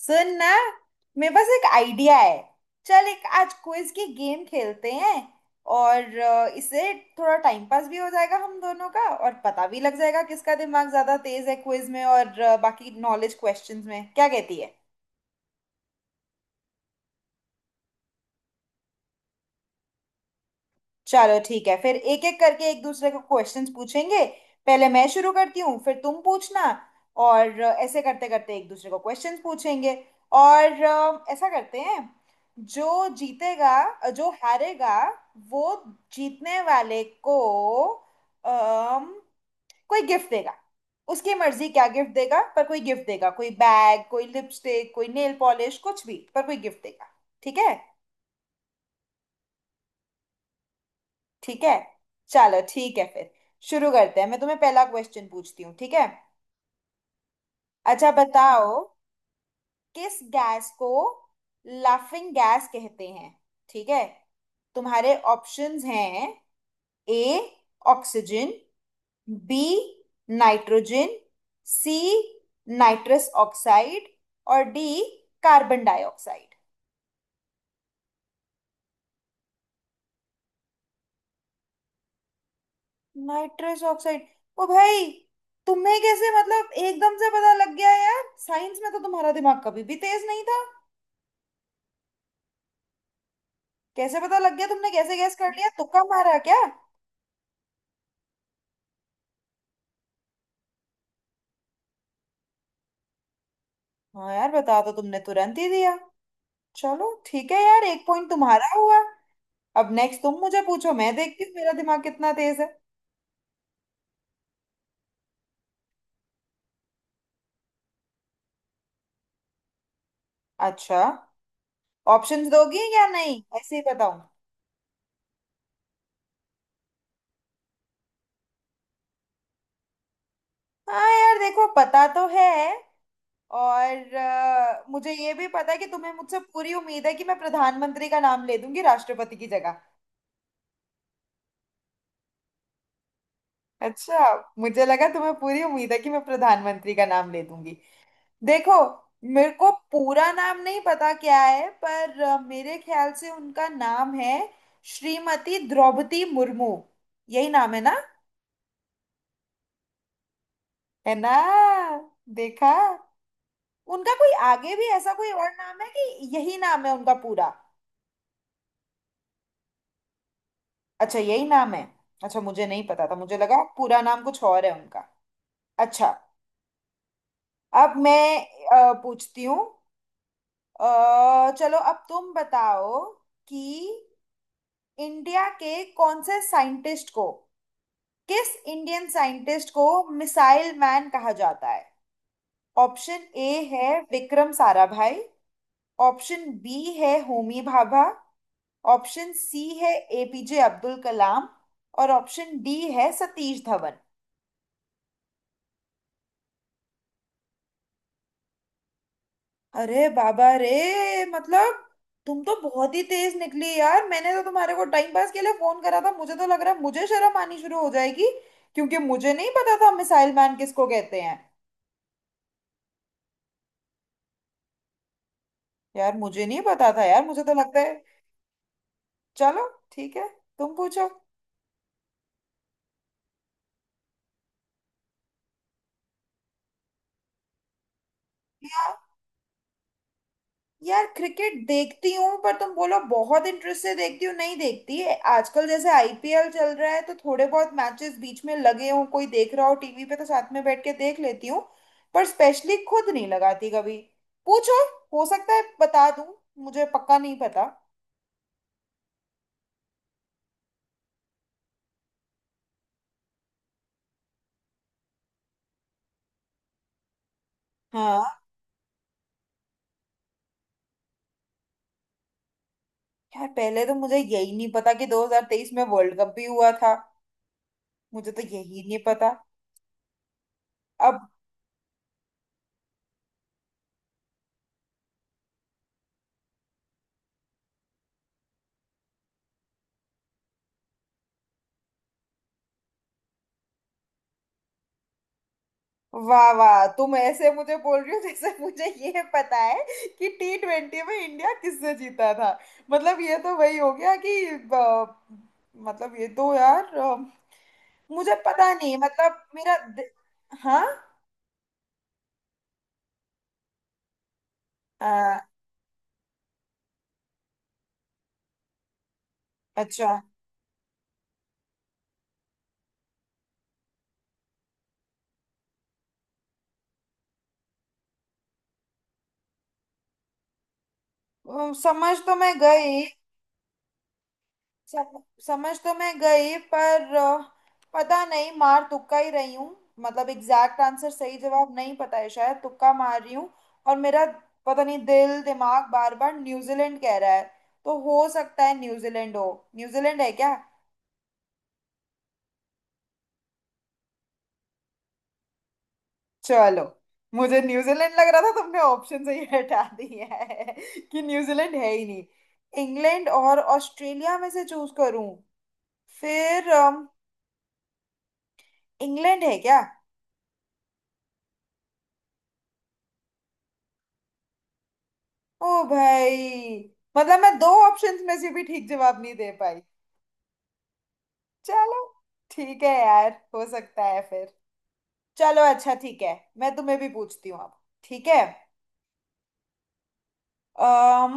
सुन ना, मेरे पास एक आइडिया है। चल, एक आज क्विज की गेम खेलते हैं। और इससे थोड़ा टाइम पास भी हो जाएगा हम दोनों का, और पता भी लग जाएगा किसका दिमाग ज्यादा तेज है क्विज में और बाकी नॉलेज क्वेश्चंस में, क्या कहती है? चलो ठीक है फिर, एक एक करके एक दूसरे को क्वेश्चंस पूछेंगे। पहले मैं शुरू करती हूँ, फिर तुम पूछना। और ऐसे करते करते एक दूसरे को क्वेश्चंस पूछेंगे। और ऐसा करते हैं, जो जीतेगा, जो हारेगा वो, जीतने वाले को अम, कोई गिफ्ट देगा। उसकी मर्जी क्या गिफ्ट देगा, पर कोई गिफ्ट देगा। कोई बैग, कोई लिपस्टिक, कोई नेल पॉलिश, कुछ भी, पर कोई गिफ्ट देगा। ठीक है। ठीक है, चलो ठीक है फिर शुरू करते हैं। मैं तुम्हें पहला क्वेश्चन पूछती हूँ, ठीक है? अच्छा, बताओ। किस गैस को लाफिंग गैस कहते हैं? ठीक है, तुम्हारे ऑप्शंस हैं। A, oxygen. B, nitrogen. C, nitrous oxide. और D, carbon dioxide. Nitrous oxide? ओ भाई, तुम्हें कैसे, मतलब एकदम से पता लग गया यार! साइंस में तो तुम्हारा दिमाग कभी भी तेज नहीं था। कैसे पता लग गया, तुमने कैसे गैस कर लिया, तुक्का मारा क्या? हाँ यार, बता तो तुमने तुरंत ही दिया। चलो ठीक है यार, एक पॉइंट तुम्हारा हुआ। अब नेक्स्ट तुम मुझे पूछो, मैं देखती हूँ मेरा दिमाग कितना तेज है। अच्छा, ऑप्शंस दोगी या नहीं, ऐसे ही बताऊँ? हाँ यार, देखो पता तो है। और मुझे ये भी पता है कि तुम्हें मुझसे पूरी उम्मीद है कि मैं प्रधानमंत्री का नाम ले दूंगी राष्ट्रपति की जगह। अच्छा, मुझे लगा तुम्हें पूरी उम्मीद है कि मैं प्रधानमंत्री का नाम ले दूंगी। देखो, मेरे को पूरा नाम नहीं पता क्या है, पर मेरे ख्याल से उनका नाम है श्रीमती द्रौपदी मुर्मू। यही नाम है ना? है ना? देखा! उनका कोई आगे भी ऐसा कोई और नाम है, कि यही नाम है उनका पूरा? अच्छा, यही नाम है। अच्छा, मुझे नहीं पता था, मुझे लगा पूरा नाम कुछ और है उनका। अच्छा। अब मैं पूछती हूँ। चलो, अब तुम बताओ कि इंडिया के कौन से साइंटिस्ट को किस इंडियन साइंटिस्ट को मिसाइल मैन कहा जाता है? ऑप्शन ए है विक्रम साराभाई। ऑप्शन बी है होमी भाभा। ऑप्शन सी है एपीजे अब्दुल कलाम। और ऑप्शन डी है सतीश धवन। अरे बाबा रे, मतलब तुम तो बहुत ही तेज निकली यार! मैंने तो तुम्हारे को टाइम पास के लिए फोन करा था, मुझे तो लग रहा है मुझे शर्म आनी शुरू हो जाएगी। क्योंकि मुझे नहीं पता था मिसाइल मैन किसको कहते हैं। यार मुझे नहीं पता था यार, मुझे तो लगता है। चलो ठीक है, तुम पूछो। यार क्रिकेट देखती हूँ, पर तुम बोलो बहुत इंटरेस्ट से देखती हूँ, नहीं देखती है। आजकल जैसे आईपीएल चल रहा है तो थोड़े बहुत मैचेस बीच में लगे हों, कोई देख रहा हो टीवी पे, तो साथ में बैठ के देख लेती हूँ। पर स्पेशली खुद नहीं लगाती कभी। पूछो, हो सकता है बता दूँ। मुझे पक्का नहीं पता। हाँ। यार पहले तो मुझे यही नहीं पता कि 2023 में वर्ल्ड कप भी हुआ था। मुझे तो यही नहीं पता। अब वाह वाह, तुम ऐसे मुझे बोल रही हो जैसे मुझे ये पता है कि T20 में इंडिया किससे जीता था। मतलब ये तो वही हो गया कि मतलब ये तो यार मुझे पता नहीं, मतलब हाँ। अ, अच्छा। समझ तो मैं गई। सम, समझ तो मैं गई पर पता नहीं, मार तुक्का ही रही हूँ, मतलब एग्जैक्ट आंसर सही जवाब नहीं पता है, शायद तुक्का मार रही हूँ। और मेरा, पता नहीं, दिल दिमाग बार बार न्यूजीलैंड कह रहा है, तो हो सकता है न्यूजीलैंड हो। न्यूजीलैंड है क्या? चलो, मुझे न्यूजीलैंड लग रहा था, तुमने ऑप्शन से ही हटा दिया है कि न्यूजीलैंड है ही नहीं। इंग्लैंड और ऑस्ट्रेलिया में से चूज करूं? फिर इंग्लैंड है क्या? ओ भाई, मतलब मैं दो ऑप्शंस में से भी ठीक जवाब नहीं दे पाई। चलो ठीक है यार, हो सकता है फिर। चलो, अच्छा ठीक है। मैं तुम्हें भी पूछती हूँ अब, ठीक है। अम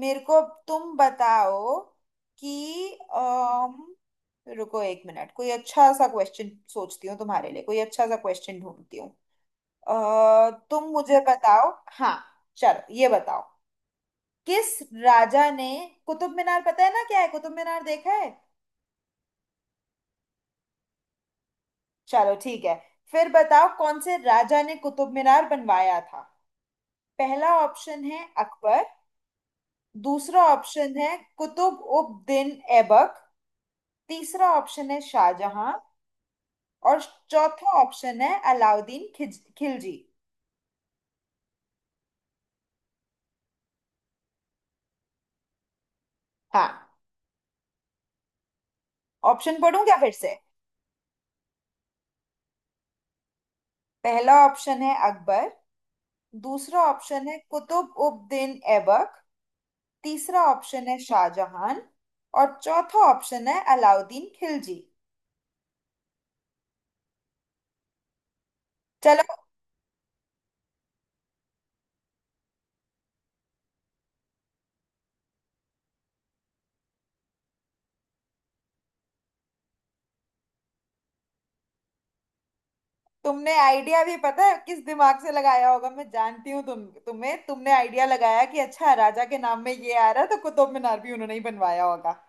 मेरे को, तुम बताओ कि अम रुको एक मिनट, कोई अच्छा सा क्वेश्चन सोचती हूँ तुम्हारे लिए, कोई अच्छा सा क्वेश्चन ढूंढती हूँ। तुम मुझे बताओ। हाँ, चलो ये बताओ, किस राजा ने कुतुब मीनार, पता है ना क्या है कुतुब मीनार, देखा है? चलो ठीक है फिर, बताओ कौन से राजा ने कुतुब मीनार बनवाया था। पहला ऑप्शन है अकबर। दूसरा ऑप्शन है कुतुब उद दीन ऐबक। तीसरा ऑप्शन है शाहजहां। और चौथा ऑप्शन है अलाउद्दीन खिज खिलजी। हाँ, ऑप्शन पढ़ूं क्या फिर से? पहला ऑप्शन है अकबर। दूसरा ऑप्शन है कुतुब उद दीन ऐबक। तीसरा ऑप्शन है शाहजहां। और चौथा ऑप्शन है अलाउद्दीन खिलजी। चलो, तुमने आइडिया भी पता है किस दिमाग से लगाया होगा, मैं जानती हूँ। तुमने आइडिया लगाया कि अच्छा, राजा के नाम में ये आ रहा है, तो कुतुब मीनार भी उन्होंने ही बनवाया होगा।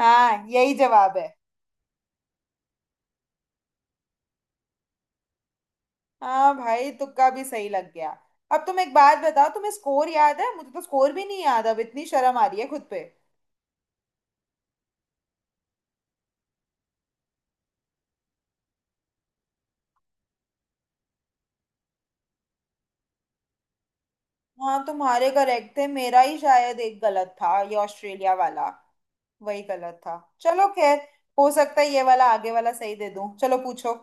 हाँ, यही जवाब है। हाँ भाई, तुक्का भी सही लग गया। अब तुम एक बात बताओ, तुम्हें स्कोर याद है? मुझे तो स्कोर भी नहीं याद, अब इतनी शर्म आ रही है खुद पे। हाँ, तुम्हारे करेक्ट थे, मेरा ही शायद एक गलत था ये ऑस्ट्रेलिया वाला, वही गलत था। चलो खैर, हो सकता है ये वाला, आगे वाला, सही दे दूं। चलो पूछो।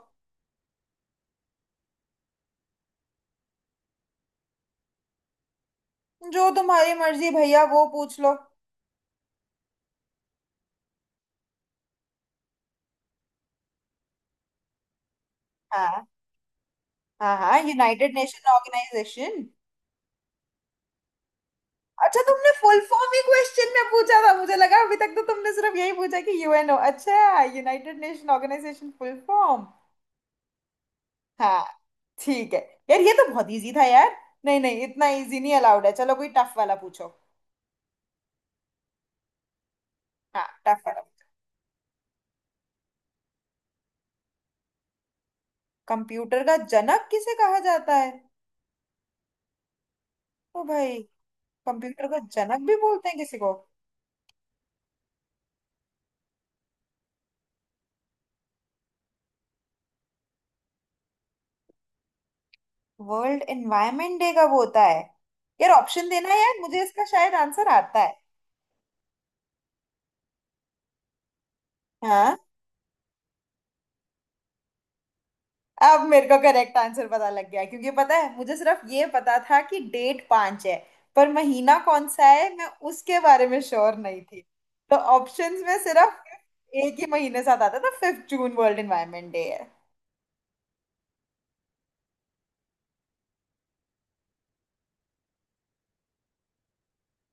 जो तुम्हारी मर्जी भैया, वो पूछ लो। हाँ। हाँ हाँ, यूनाइटेड नेशन ऑर्गेनाइजेशन। अच्छा, तुमने फुल फॉर्म ही क्वेश्चन में पूछा था, मुझे लगा अभी तक तो तुमने सिर्फ यही पूछा कि यूएनओ। अच्छा, United Nation Organization full form. हाँ, ठीक है। यार ये तो बहुत इजी था यार, नहीं नहीं इतना इजी नहीं अलाउड है, चलो कोई टफ वाला पूछो। हाँ, टफ वाला। कंप्यूटर का जनक किसे कहा जाता है? ओ भाई, कंप्यूटर का जनक भी बोलते हैं किसी को? वर्ल्ड एनवायरनमेंट डे कब होता है? यार ऑप्शन देना यार, मुझे इसका शायद आंसर आता है। हाँ। अब मेरे को करेक्ट आंसर पता लग गया, क्योंकि पता है, मुझे सिर्फ ये पता था कि डेट पांच है, पर महीना कौन सा है मैं उसके बारे में श्योर नहीं थी। तो ऑप्शंस में सिर्फ एक ही महीने साथ आता था, 5 जून वर्ल्ड एनवायरनमेंट डे है।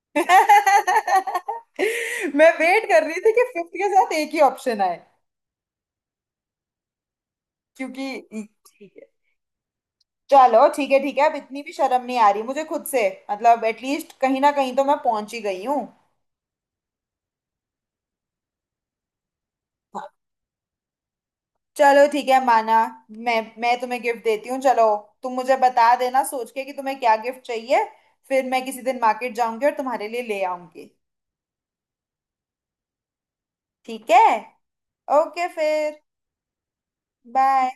मैं वेट कर रही थी कि फिफ्थ के साथ एक ही ऑप्शन आए, क्योंकि ठीक है। चलो ठीक है, ठीक है, अब इतनी भी शर्म नहीं आ रही मुझे खुद से, मतलब एटलीस्ट कहीं ना कहीं तो मैं पहुंच ही गई हूँ। चलो ठीक है, माना। मैं तुम्हें गिफ्ट देती हूँ। चलो, तुम मुझे बता देना सोच के कि तुम्हें क्या गिफ्ट चाहिए, फिर मैं किसी दिन मार्केट जाऊंगी और तुम्हारे लिए ले आऊंगी। ठीक है। ओके फिर, बाय।